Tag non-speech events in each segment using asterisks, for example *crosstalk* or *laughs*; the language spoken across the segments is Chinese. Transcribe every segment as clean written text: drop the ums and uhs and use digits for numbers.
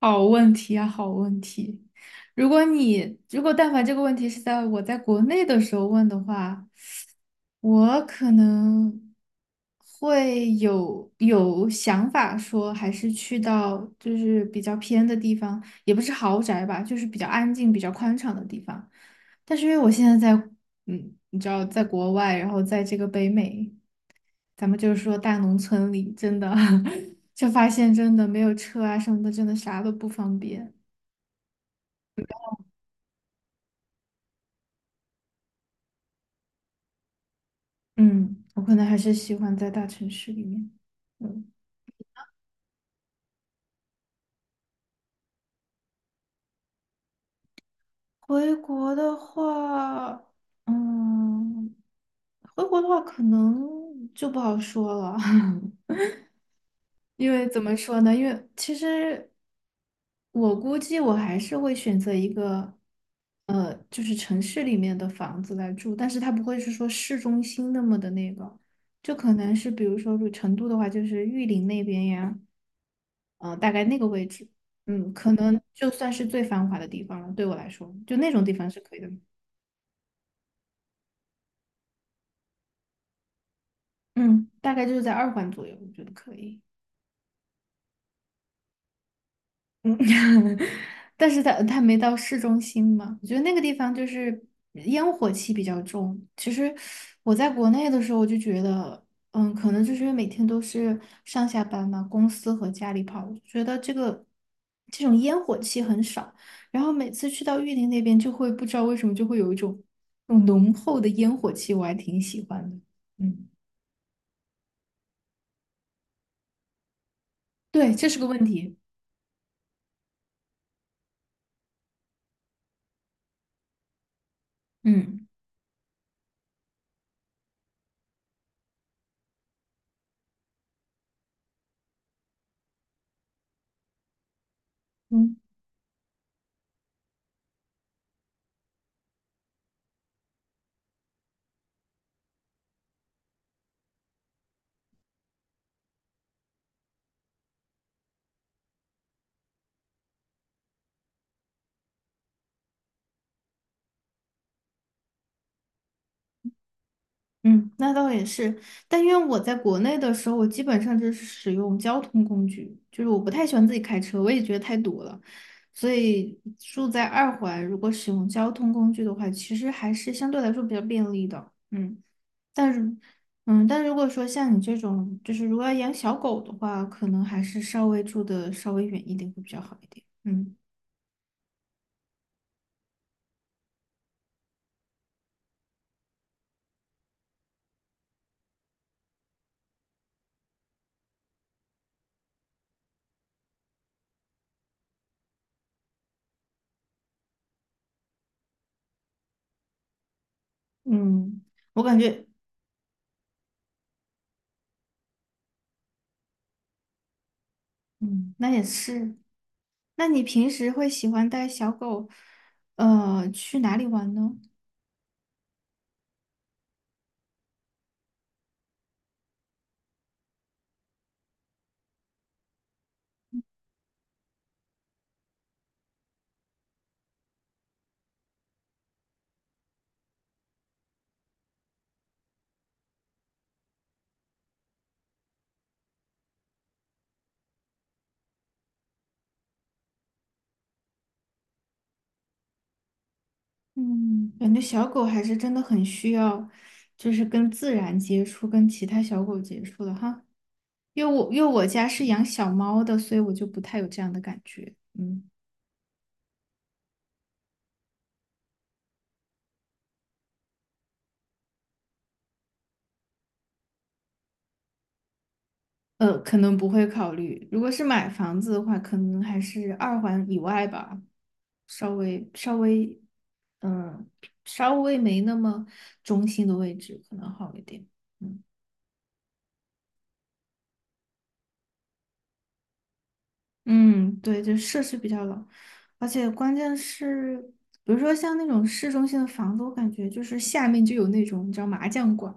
好问题啊，好问题。如果但凡这个问题是在我在国内的时候问的话，我可能会有想法说，还是去到就是比较偏的地方，也不是豪宅吧，就是比较安静、比较宽敞的地方。但是因为我现在在，嗯，你知道，在国外，然后在这个北美。咱们就是说大农村里真的 *laughs* 就发现真的没有车啊什么的，真的啥都不方便。嗯，我可能还是喜欢在大城市里面。嗯，回国的话，嗯，回国的话可能就不好说了。*laughs* 因为怎么说呢？因为其实我估计我还是会选择一个，就是城市里面的房子来住，但是它不会是说市中心那么的那个，就可能是比如说，如成都的话，就是玉林那边呀，大概那个位置，可能就算是最繁华的地方了，对我来说，就那种地方是可以的，嗯，大概就是在二环左右，我觉得可以。嗯，*laughs* 但是它没到市中心嘛，我觉得那个地方就是烟火气比较重。其实我在国内的时候，我就觉得，可能就是因为每天都是上下班嘛，公司和家里跑，我觉得这种烟火气很少。然后每次去到玉林那边，就会不知道为什么就会有一种那种浓厚的烟火气，我还挺喜欢的。嗯，对，这是个问题。嗯嗯。嗯，那倒也是，但因为我在国内的时候，我基本上就是使用交通工具，就是我不太喜欢自己开车，我也觉得太堵了，所以住在二环，如果使用交通工具的话，其实还是相对来说比较便利的，嗯，但是，但如果说像你这种，就是如果要养小狗的话，可能还是稍微住的稍微远一点会比较好一点，嗯嗯，我感觉。嗯，那也是。那你平时会喜欢带小狗，去哪里玩呢？嗯，感觉小狗还是真的很需要，就是跟自然接触，跟其他小狗接触的哈。因为我家是养小猫的，所以我就不太有这样的感觉。嗯。可能不会考虑。如果是买房子的话，可能还是二环以外吧，稍微稍微，嗯，稍微没那么中心的位置，可能好一点。嗯。嗯，对，就设施比较老，而且关键是，比如说像那种市中心的房子，我感觉就是下面就有那种你知道麻将馆，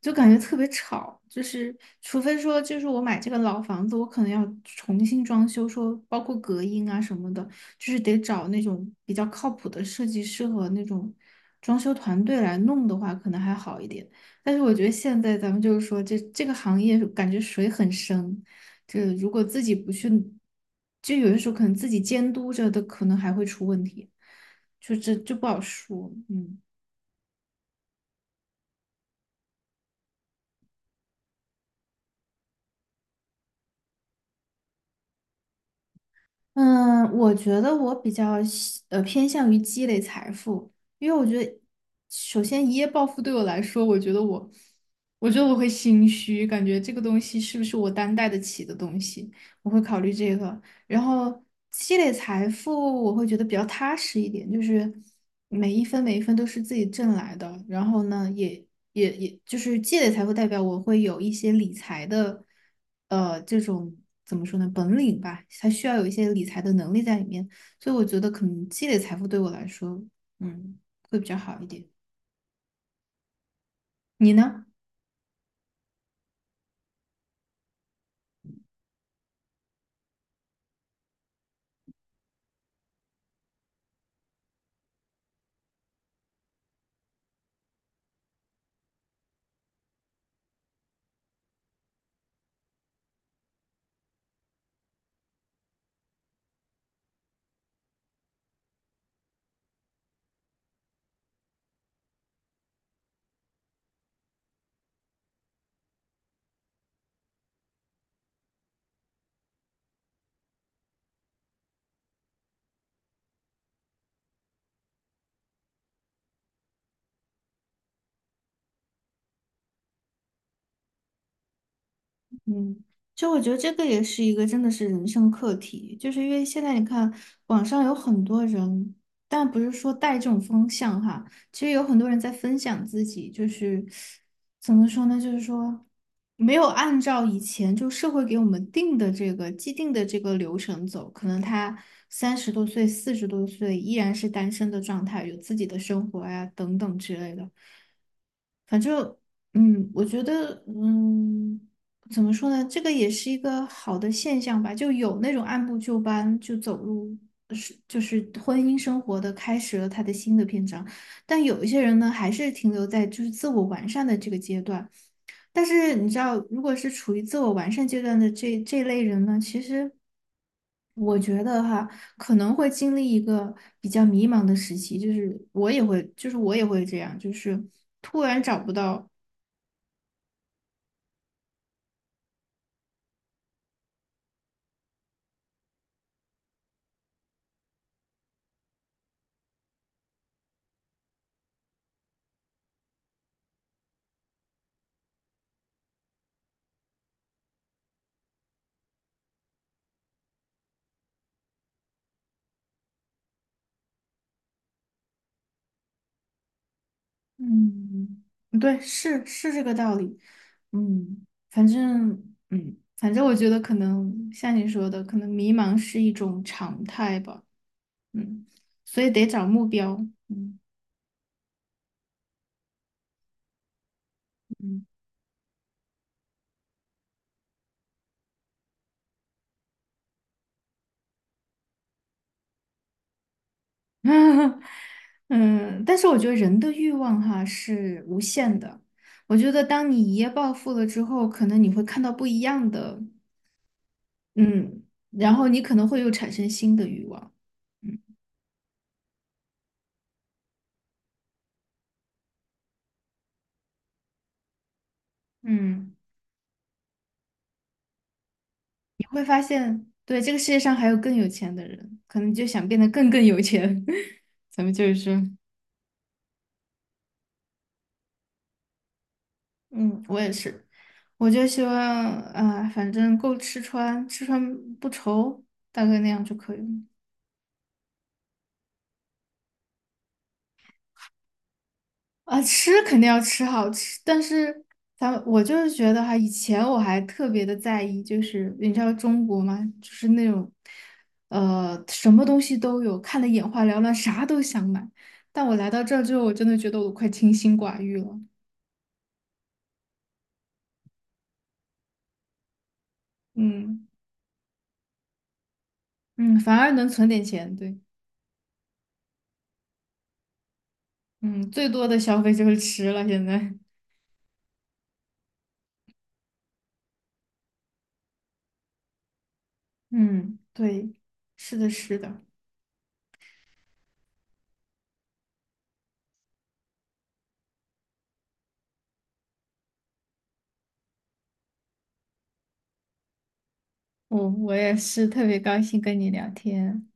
就感觉特别吵。就是除非说，就是我买这个老房子，我可能要重新装修，说包括隔音啊什么的，就是得找那种比较靠谱的设计师和那种装修团队来弄的话，可能还好一点。但是我觉得现在咱们就是说这个行业感觉水很深。这如果自己不去，就有的时候可能自己监督着的，可能还会出问题，就这就不好说。嗯嗯，我觉得我比较偏向于积累财富，因为我觉得首先一夜暴富对我来说，我觉得我会心虚，感觉这个东西是不是我担待得起的东西，我会考虑这个。然后积累财富，我会觉得比较踏实一点，就是每一分每一分都是自己挣来的。然后呢，也就是积累财富，代表我会有一些理财的，这种怎么说呢，本领吧，它需要有一些理财的能力在里面。所以我觉得可能积累财富对我来说，嗯，会比较好一点。你呢？嗯，就我觉得这个也是一个真的是人生课题，就是因为现在你看网上有很多人，但不是说带这种风向哈，其实有很多人在分享自己，就是怎么说呢，就是说没有按照以前就社会给我们定的这个既定的这个流程走，可能他30多岁、40多岁依然是单身的状态，有自己的生活呀、等等之类的。反正。嗯，我觉得，嗯，怎么说呢？这个也是一个好的现象吧，就有那种按部就班就走入就是婚姻生活的开始了他的新的篇章，但有一些人呢，还是停留在就是自我完善的这个阶段。但是你知道，如果是处于自我完善阶段的这类人呢，其实我觉得哈，可能会经历一个比较迷茫的时期，就是我也会这样，就是突然找不到。嗯，嗯对，是这个道理。嗯，反正我觉得可能像你说的，可能迷茫是一种常态吧。嗯，所以得找目标。嗯嗯 *laughs* 嗯，但是我觉得人的欲望哈是无限的。我觉得当你一夜暴富了之后，可能你会看到不一样的，嗯，然后你可能会又产生新的欲望。嗯嗯。会发现，对，这个世界上还有更有钱的人，可能就想变得更有钱。*laughs* 咱们就是说，嗯，我也是，我就希望啊、反正够吃穿，吃穿不愁，大概那样就可以了。啊，吃肯定要吃好吃，但是咱们我就是觉得哈，以前我还特别的在意，就是你知道中国嘛，就是那种，什么东西都有，看得眼花缭乱，啥都想买。但我来到这儿之后，我真的觉得我快清心寡欲了。嗯嗯，反而能存点钱，对，嗯，最多的消费就是吃了，现在，嗯，对，是的，是的，我也是特别高兴跟你聊天。